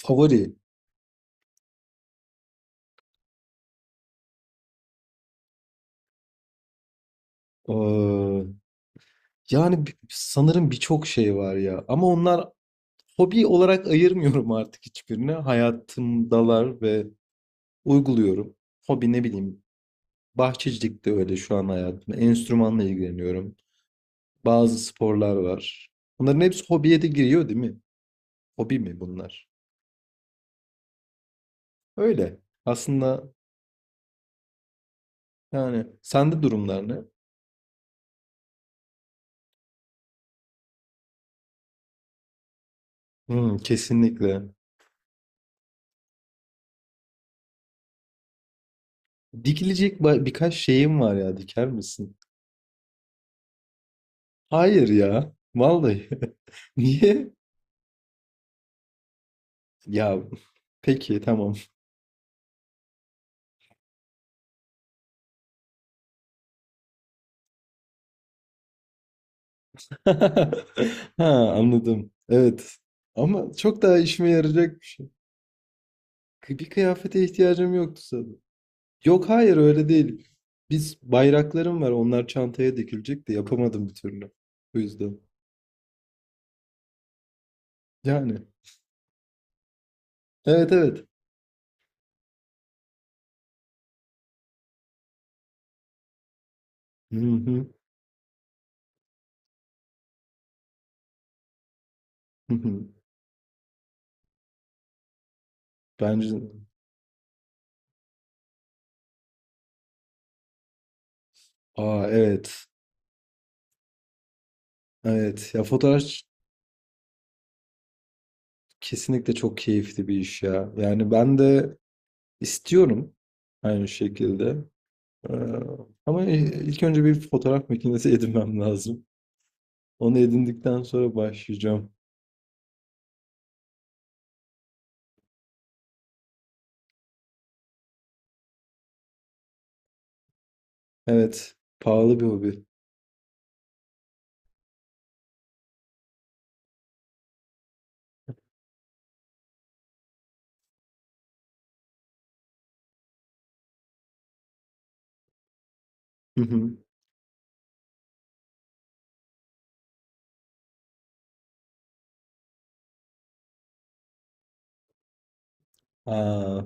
Favori. Ee, Yani sanırım birçok şey var ya. Ama onlar hobi olarak ayırmıyorum artık hiçbirini. Hayatımdalar ve uyguluyorum. Hobi ne bileyim. Bahçecilik de öyle şu an hayatımda. Enstrümanla ilgileniyorum. Bazı sporlar var. Bunların hepsi hobiye de giriyor değil mi? Hobi mi bunlar? Öyle. Aslında yani sende durumlar ne? Hmm, kesinlikle. Dikilecek birkaç şeyim var ya diker misin? Hayır ya. Vallahi. Niye? Ya peki tamam. Ha, anladım. Evet. Ama çok daha işime yarayacak bir şey. Bir kıyafete ihtiyacım yoktu sanırım. Yok hayır öyle değil. Biz bayraklarım var onlar çantaya dikilecek de yapamadım bir türlü. Bu yüzden. Yani. Evet, evet. Hı hı. Hı hı. Bence aa evet. Evet. Ya fotoğraf kesinlikle çok keyifli bir iş ya. Yani ben de istiyorum aynı şekilde. Ee, ama ilk önce bir fotoğraf makinesi edinmem lazım. Onu edindikten sonra başlayacağım. Evet. Pahalı bir hobi. Hı hı. Aa,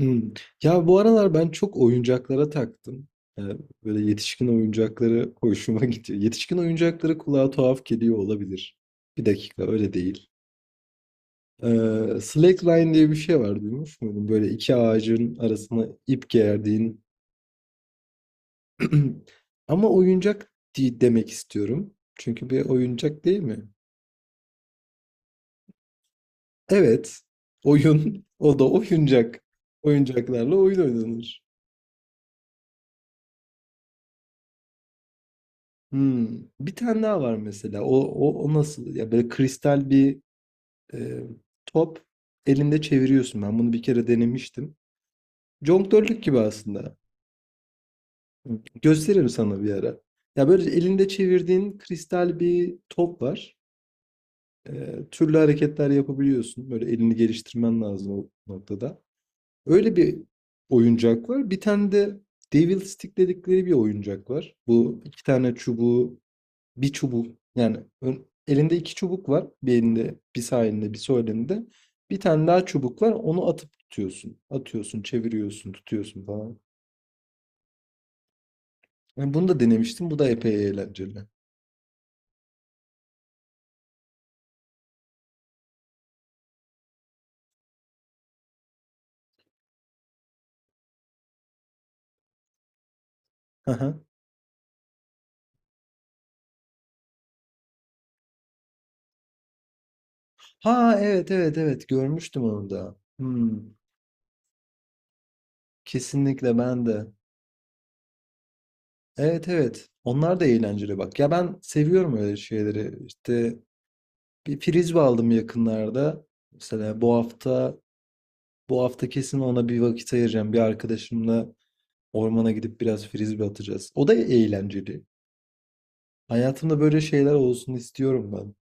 hı. Ya bu aralar ben çok oyuncaklara taktım. Ee, böyle yetişkin oyuncakları hoşuma gidiyor. Yetişkin oyuncakları kulağa tuhaf geliyor olabilir. Bir dakika öyle değil. Ee, slackline diye bir şey var duymuş muydun? Böyle iki ağacın arasına ip gerdiğin. Ama oyuncak değil demek istiyorum. Çünkü bir oyuncak değil mi? Evet. Oyun. O da oyuncak. Oyuncaklarla oyun oynanır. Hmm. Bir tane daha var mesela. O nasıl? Ya böyle kristal bir e, top elinde çeviriyorsun. Ben bunu bir kere denemiştim. Jonglörlük gibi aslında. Gösteririm sana bir ara. Ya böyle elinde çevirdiğin kristal bir top var. Türlü hareketler yapabiliyorsun. Böyle elini geliştirmen lazım o noktada. Öyle bir oyuncak var. Bir tane de Devil Stick dedikleri bir oyuncak var. Bu iki tane çubuğu, bir çubuk yani elinde iki çubuk var. Bir elinde, bir sağ elinde, bir sol elinde. Bir tane daha çubuk var. Onu atıp tutuyorsun. Atıyorsun, çeviriyorsun, tutuyorsun falan. Yani bunu da denemiştim. Bu da epey eğlenceli. Hı. Ha, evet evet evet görmüştüm onu da. Hmm, kesinlikle ben de. Evet evet onlar da eğlenceli bak. Ya ben seviyorum öyle şeyleri. İşte bir frisbee aldım yakınlarda. Mesela bu hafta kesin ona bir vakit ayıracağım. Bir arkadaşımla ormana gidip biraz frisbee atacağız. O da eğlenceli. Hayatımda böyle şeyler olsun istiyorum ben.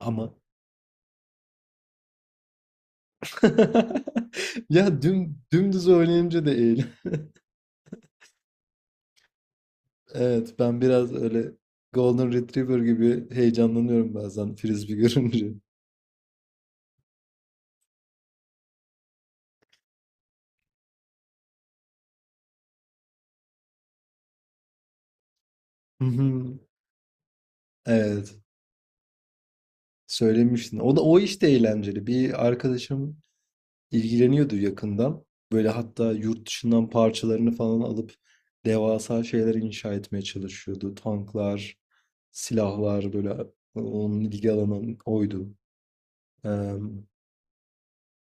Ama ya dümdüz oynayınca da eğlenceli. Evet, ben biraz öyle Golden Retriever gibi heyecanlanıyorum bazen frisbee görünce. Hı hı. Evet, söylemiştin. O iş de eğlenceli. Bir arkadaşım ilgileniyordu yakından. Böyle hatta yurt dışından parçalarını falan alıp devasa şeyler inşa etmeye çalışıyordu. Tanklar, silahlar böyle onun ilgi alanı oydu. Eee,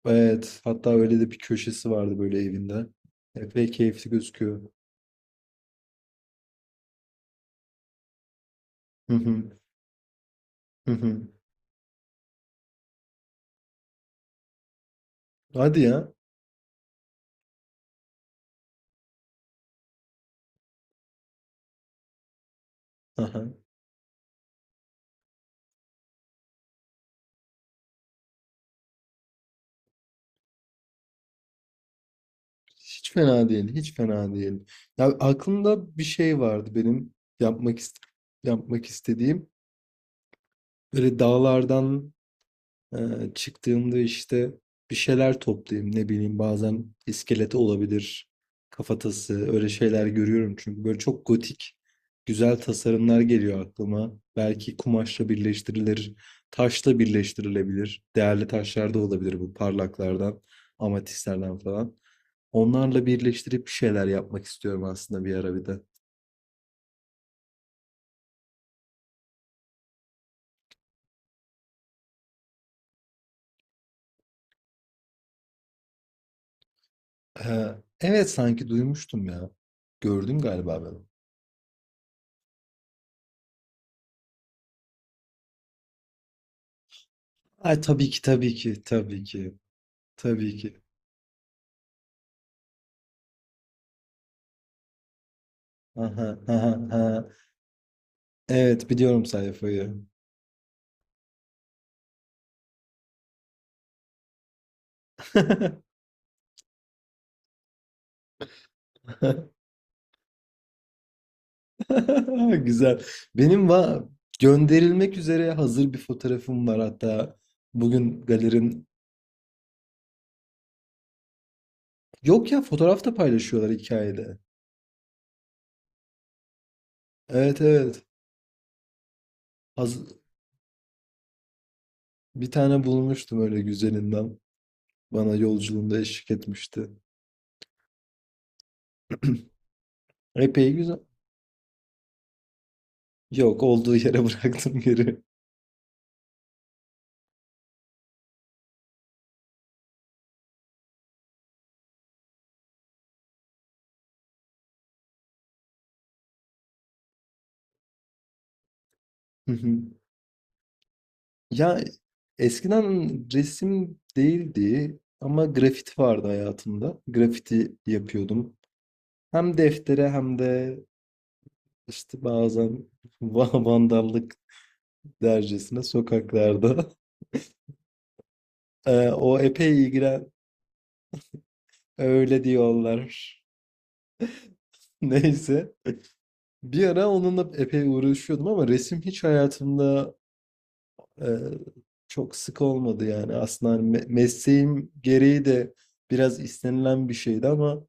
evet, hatta öyle de bir köşesi vardı böyle evinde. Epey keyifli gözüküyor. Hı hı, hı hı. Hadi ya. Aha. Hiç fena değil, hiç fena değil. Ya aklımda bir şey vardı benim yapmak ist yapmak istediğim. Böyle dağlardan e, çıktığımda işte bir şeyler toplayayım. Ne bileyim bazen iskeleti olabilir, kafatası öyle şeyler görüyorum. Çünkü böyle çok gotik güzel tasarımlar geliyor aklıma. Belki kumaşla birleştirilir, taşla birleştirilebilir. Değerli taşlar da olabilir bu parlaklardan, amatistlerden falan. Onlarla birleştirip bir şeyler yapmak istiyorum aslında bir ara bir de. Ee, evet sanki duymuştum ya. Gördüm galiba ben onu. Ay tabii ki tabii ki tabii ki tabii ki. Aha, aha, aha. Evet biliyorum sayfayı. Güzel. Benim va gönderilmek üzere hazır bir fotoğrafım var hatta bugün galerin. Yok ya fotoğraf da paylaşıyorlar hikayede. Evet evet. Haz- bir tane bulmuştum öyle güzelinden. Bana yolculuğumda eşlik etmişti. Epey güzel. Yok, olduğu yere bıraktım geri. Hı hı. Ya eskiden resim değildi ama grafit vardı hayatımda. Grafiti yapıyordum. Hem deftere hem de işte bazen vandallık dercesine sokaklarda. O epey ilgilen öyle diyorlar. Neyse. Bir ara onunla epey uğraşıyordum ama resim hiç hayatımda Ee, çok sık olmadı yani aslında hani mesleğim gereği de biraz istenilen bir şeydi ama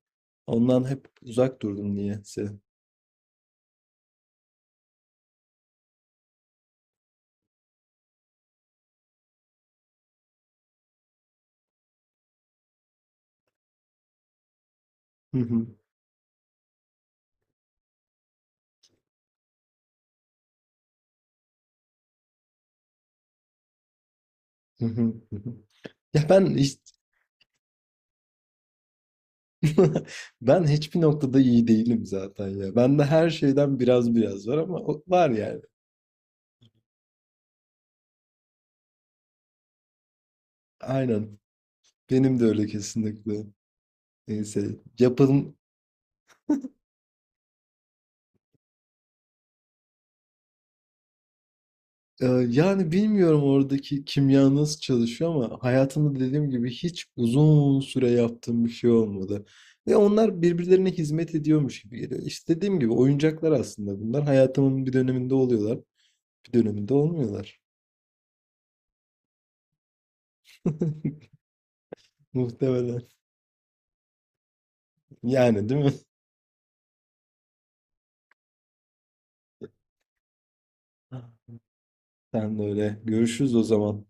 ondan hep uzak durdum niyeyse. Hı hı, hı hı, hı hı. Ya ben hiç ben hiçbir noktada iyi değilim zaten ya. Bende her şeyden biraz biraz var ama var yani. Aynen. Benim de öyle kesinlikle. Neyse. Yani bilmiyorum oradaki kimya nasıl çalışıyor ama hayatımda dediğim gibi hiç uzun süre yaptığım bir şey olmadı. Ve onlar birbirlerine hizmet ediyormuş gibi geliyor. İşte dediğim gibi oyuncaklar aslında bunlar. Hayatımın bir döneminde oluyorlar, bir döneminde olmuyorlar. Muhtemelen. Yani değil mi? Sen de öyle. Görüşürüz o zaman.